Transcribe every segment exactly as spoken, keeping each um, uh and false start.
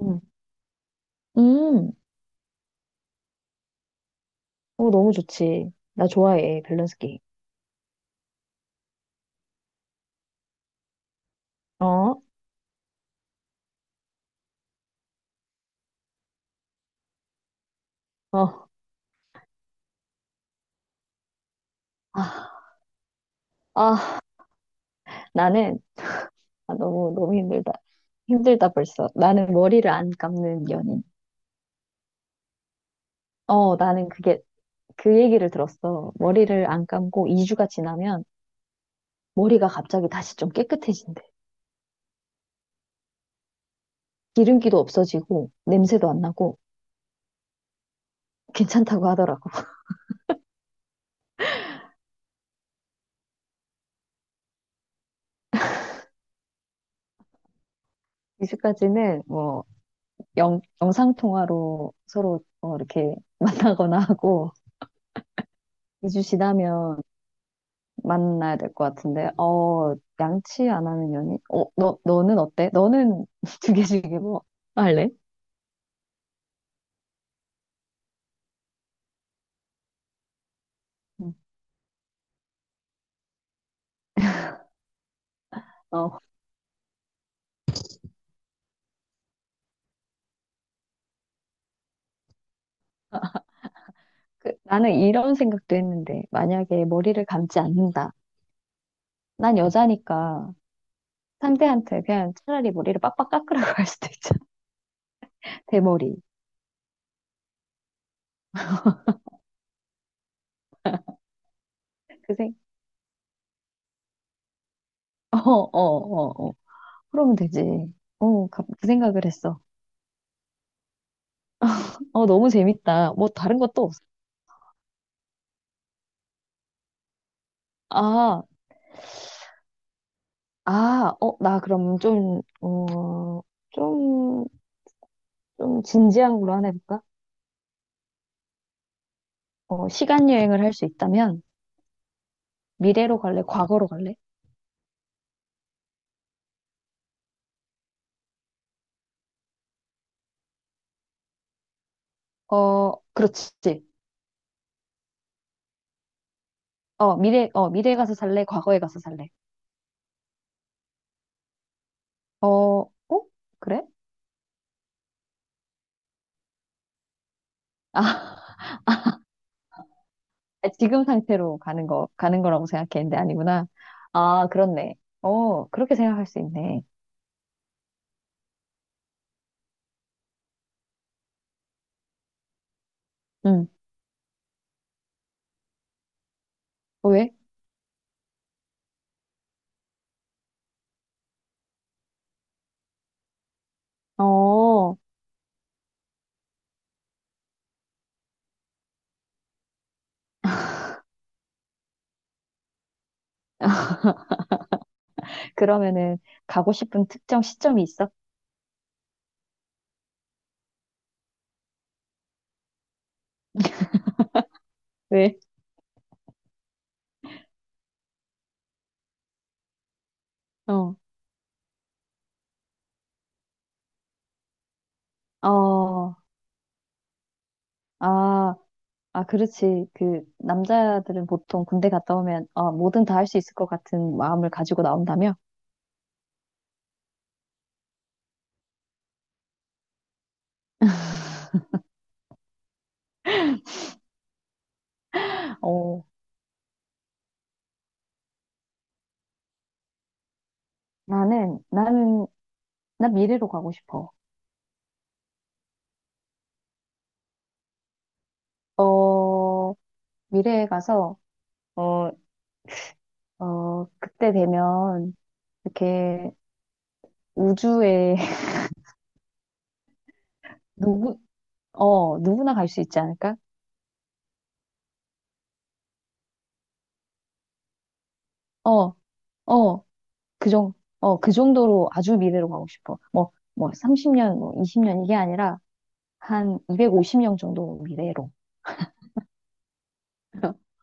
음, 음, 어, 너무 좋지. 나 좋아해, 밸런스 게임. 어, 어, 아, 아, 나는, 아, 너무, 너무 힘들다. 힘들다, 벌써. 나는 머리를 안 감는 연인. 어, 나는 그게, 그 얘기를 들었어. 머리를 안 감고 이 주가 지나면 머리가 갑자기 다시 좀 깨끗해진대. 기름기도 없어지고, 냄새도 안 나고, 괜찮다고 하더라고. 이 주까지는 뭐, 영, 영상통화로 서로 어, 이렇게 만나거나 하고, 이 주 지나면 만나야 될 것 같은데. 어, 양치 안 하는 연인? 어, 너, 너는 어때? 너는 두 개씩 뭐 할래? 응. 어, 그, 나는 이런 생각도 했는데, 만약에 머리를 감지 않는다. 난 여자니까 상대한테 그냥 차라리 머리를 빡빡 깎으라고 할 수도 있잖아. 대머리. 그 생, 어, 어, 어, 어. 어. 그러면 되지. 어, 가- 그 생각을 했어. 어, 너무 재밌다. 뭐 다른 것도 없어. 아, 아, 어, 나 그럼 좀, 어, 좀 좀 진지한 걸로 하나 해볼까? 어, 시간 여행을 할 수 있다면 미래로 갈래? 과거로 갈래? 어, 그렇지. 어, 미래, 어, 미래에 가서 살래? 과거에 가서 살래? 어, 어? 그래? 아, 지금 상태로 가는 거, 가는 거라고 생각했는데 아니구나. 아, 그렇네. 어, 그렇게 생각할 수 있네. 응. 어, 왜? 어, 그러면은 가고 싶은 특정 시점이 있어? 왜? 어, 어, 아. 아, 그렇지. 그, 남자들은 보통 군대 갔다 오면, 아, 뭐든 다 할 수 있을 것 같은 마음을 가지고 나온다며? 어, 나는, 나는, 나 미래로 가고 싶어. 어, 미래에 가서, 어, 어, 그때 되면, 이렇게 우주에, 누구, 어, 누구나 갈 수 있지 않을까? 어, 어, 그 정, 어, 그 정도로 아주 미래로 가고 싶어. 뭐, 뭐, 삼십 년, 뭐, 이십 년 이게 아니라, 한 이백오십 년 정도 미래로.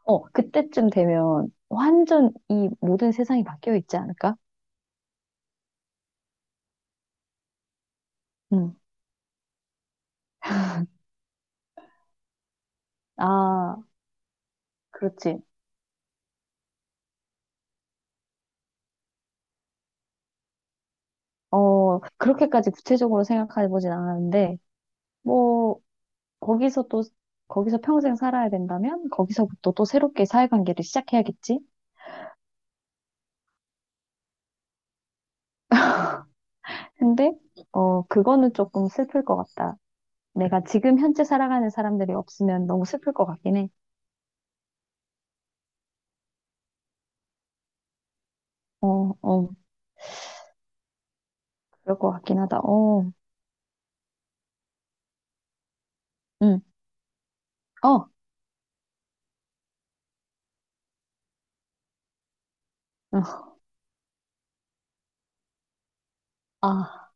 어, 그때쯤 되면 완전 이 모든 세상이 바뀌어 있지 않을까? 음. 아, 그렇지. 어, 그렇게까지 구체적으로 생각해 보진 않았는데, 뭐, 거기서 또, 거기서 평생 살아야 된다면, 거기서부터 또 새롭게 사회관계를 시작해야겠지? 근데, 어, 그거는 조금 슬플 것 같다. 내가 지금 현재 살아가는 사람들이 없으면 너무 슬플 것 같긴 해. 어, 어, 그럴 것 같긴 하다. 어, 응, 어, 어. 아,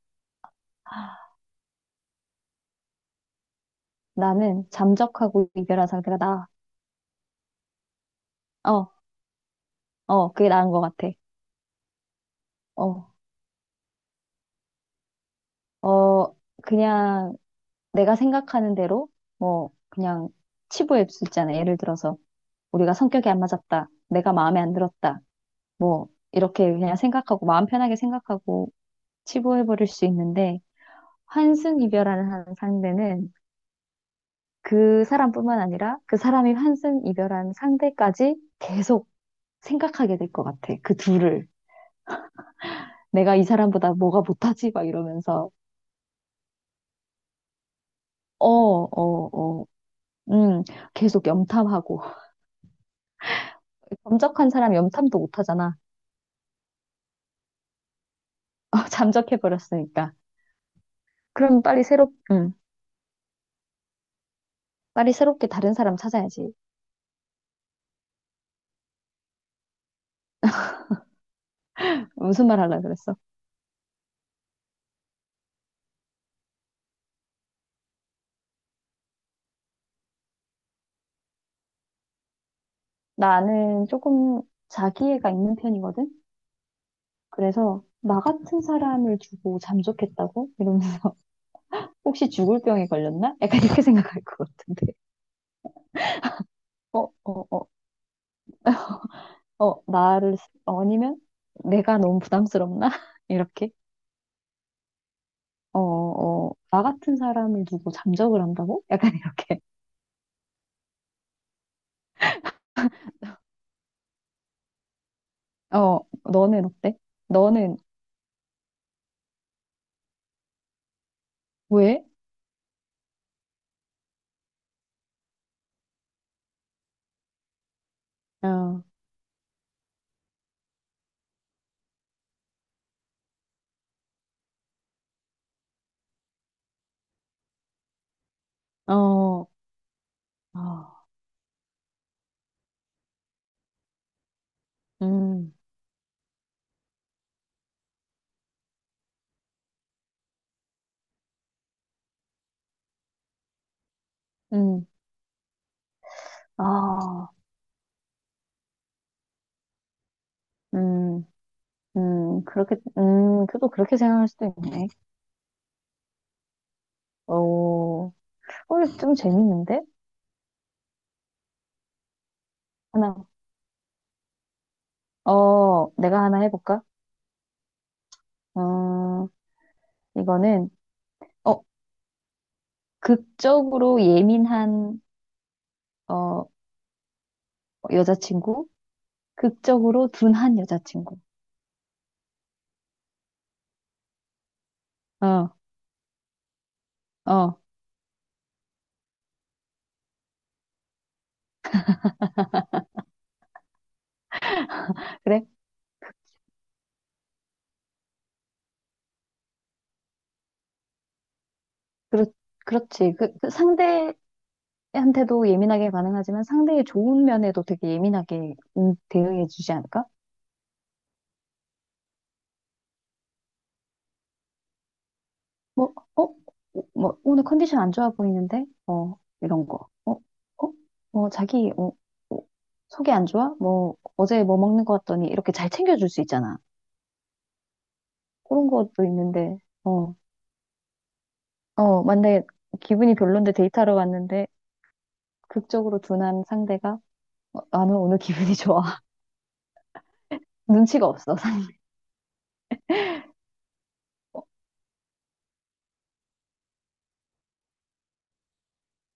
나는 잠적하고 이별한 상태가 나. 어, 어, 그게 나은 것 같아. 어, 어, 그냥 내가 생각하는 대로, 뭐, 그냥 치부할 수 있잖아. 예를 들어서, 우리가 성격이 안 맞았다. 내가 마음에 안 들었다. 뭐, 이렇게 그냥 생각하고, 마음 편하게 생각하고, 치부해버릴 수 있는데, 환승 이별하는 한 상대는 그 사람뿐만 아니라 그 사람이 환승 이별한 상대까지 계속 생각하게 될 것 같아. 그 둘을. 내가 이 사람보다 뭐가 못하지? 막 이러면서. 어, 어, 어. 음, 계속 염탐하고. 범적한 사람 염탐도 못 하잖아. 어, 잠적해버렸으니까. 그럼 빨리 새롭, 음, 빨리 새롭게 다른 사람 찾아야지. 무슨 말 하려고 그랬어? 나는 조금 자기애가 있는 편이거든? 그래서, 나 같은 사람을 두고 잠적했다고? 이러면서, 혹시 죽을 병에 걸렸나? 약간 이렇게 생각할 것 같은데. 어, 어, 어, 어, 나를, 어, 아니면 내가 너무 부담스럽나? 이렇게. 어, 어, 나 같은 사람을 두고 잠적을 한다고? 약간 이렇게. 어, 너는 어때? 너는 왜? 어, 어, 아, 음, 음, 아, 음, 음, 그렇게, 음, 그래도 그렇게 생각할 수도 있네. 어, 어, 좀 재밌는데? 하나, 어, 내가 하나 해볼까? 어, 이거는, 어, 극적으로 예민한, 어, 여자친구, 극적으로 둔한 여자친구. 어, 어, 그래? 그렇, 그렇지. 그, 그 상대, 한테도 예민하게 반응하지만 상대의 좋은 면에도 되게 예민하게 음, 대응해 주지 않을까? 뭐, 어? 뭐, 오늘 컨디션 안 좋아 보이는데? 어, 이런 거. 어? 어? 뭐, 자기, 어, 어, 속이 안 좋아? 뭐, 어제 뭐 먹는 거 같더니 이렇게 잘 챙겨줄 수 있잖아. 그런 것도 있는데, 어, 어, 만약에 기분이 별론데 데이트하러 왔는데 극적으로 둔한 상대가 어, 나는 오늘 기분이 좋아. 눈치가 없어.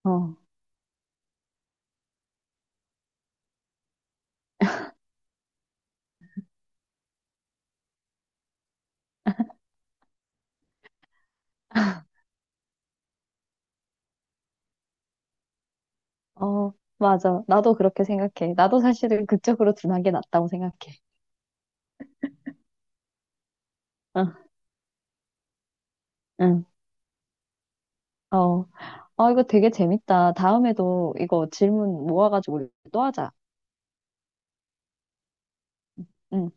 어. 어, 맞아. 나도 그렇게 생각해. 나도 사실은 그쪽으로 둔한 게 낫다고 생각해. 응, 응, 어. 아, 이거 되게 재밌다. 다음에도 이거 질문 모아가지고 우리 또 하자. 응.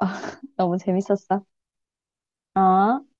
너무 재밌었어. 어?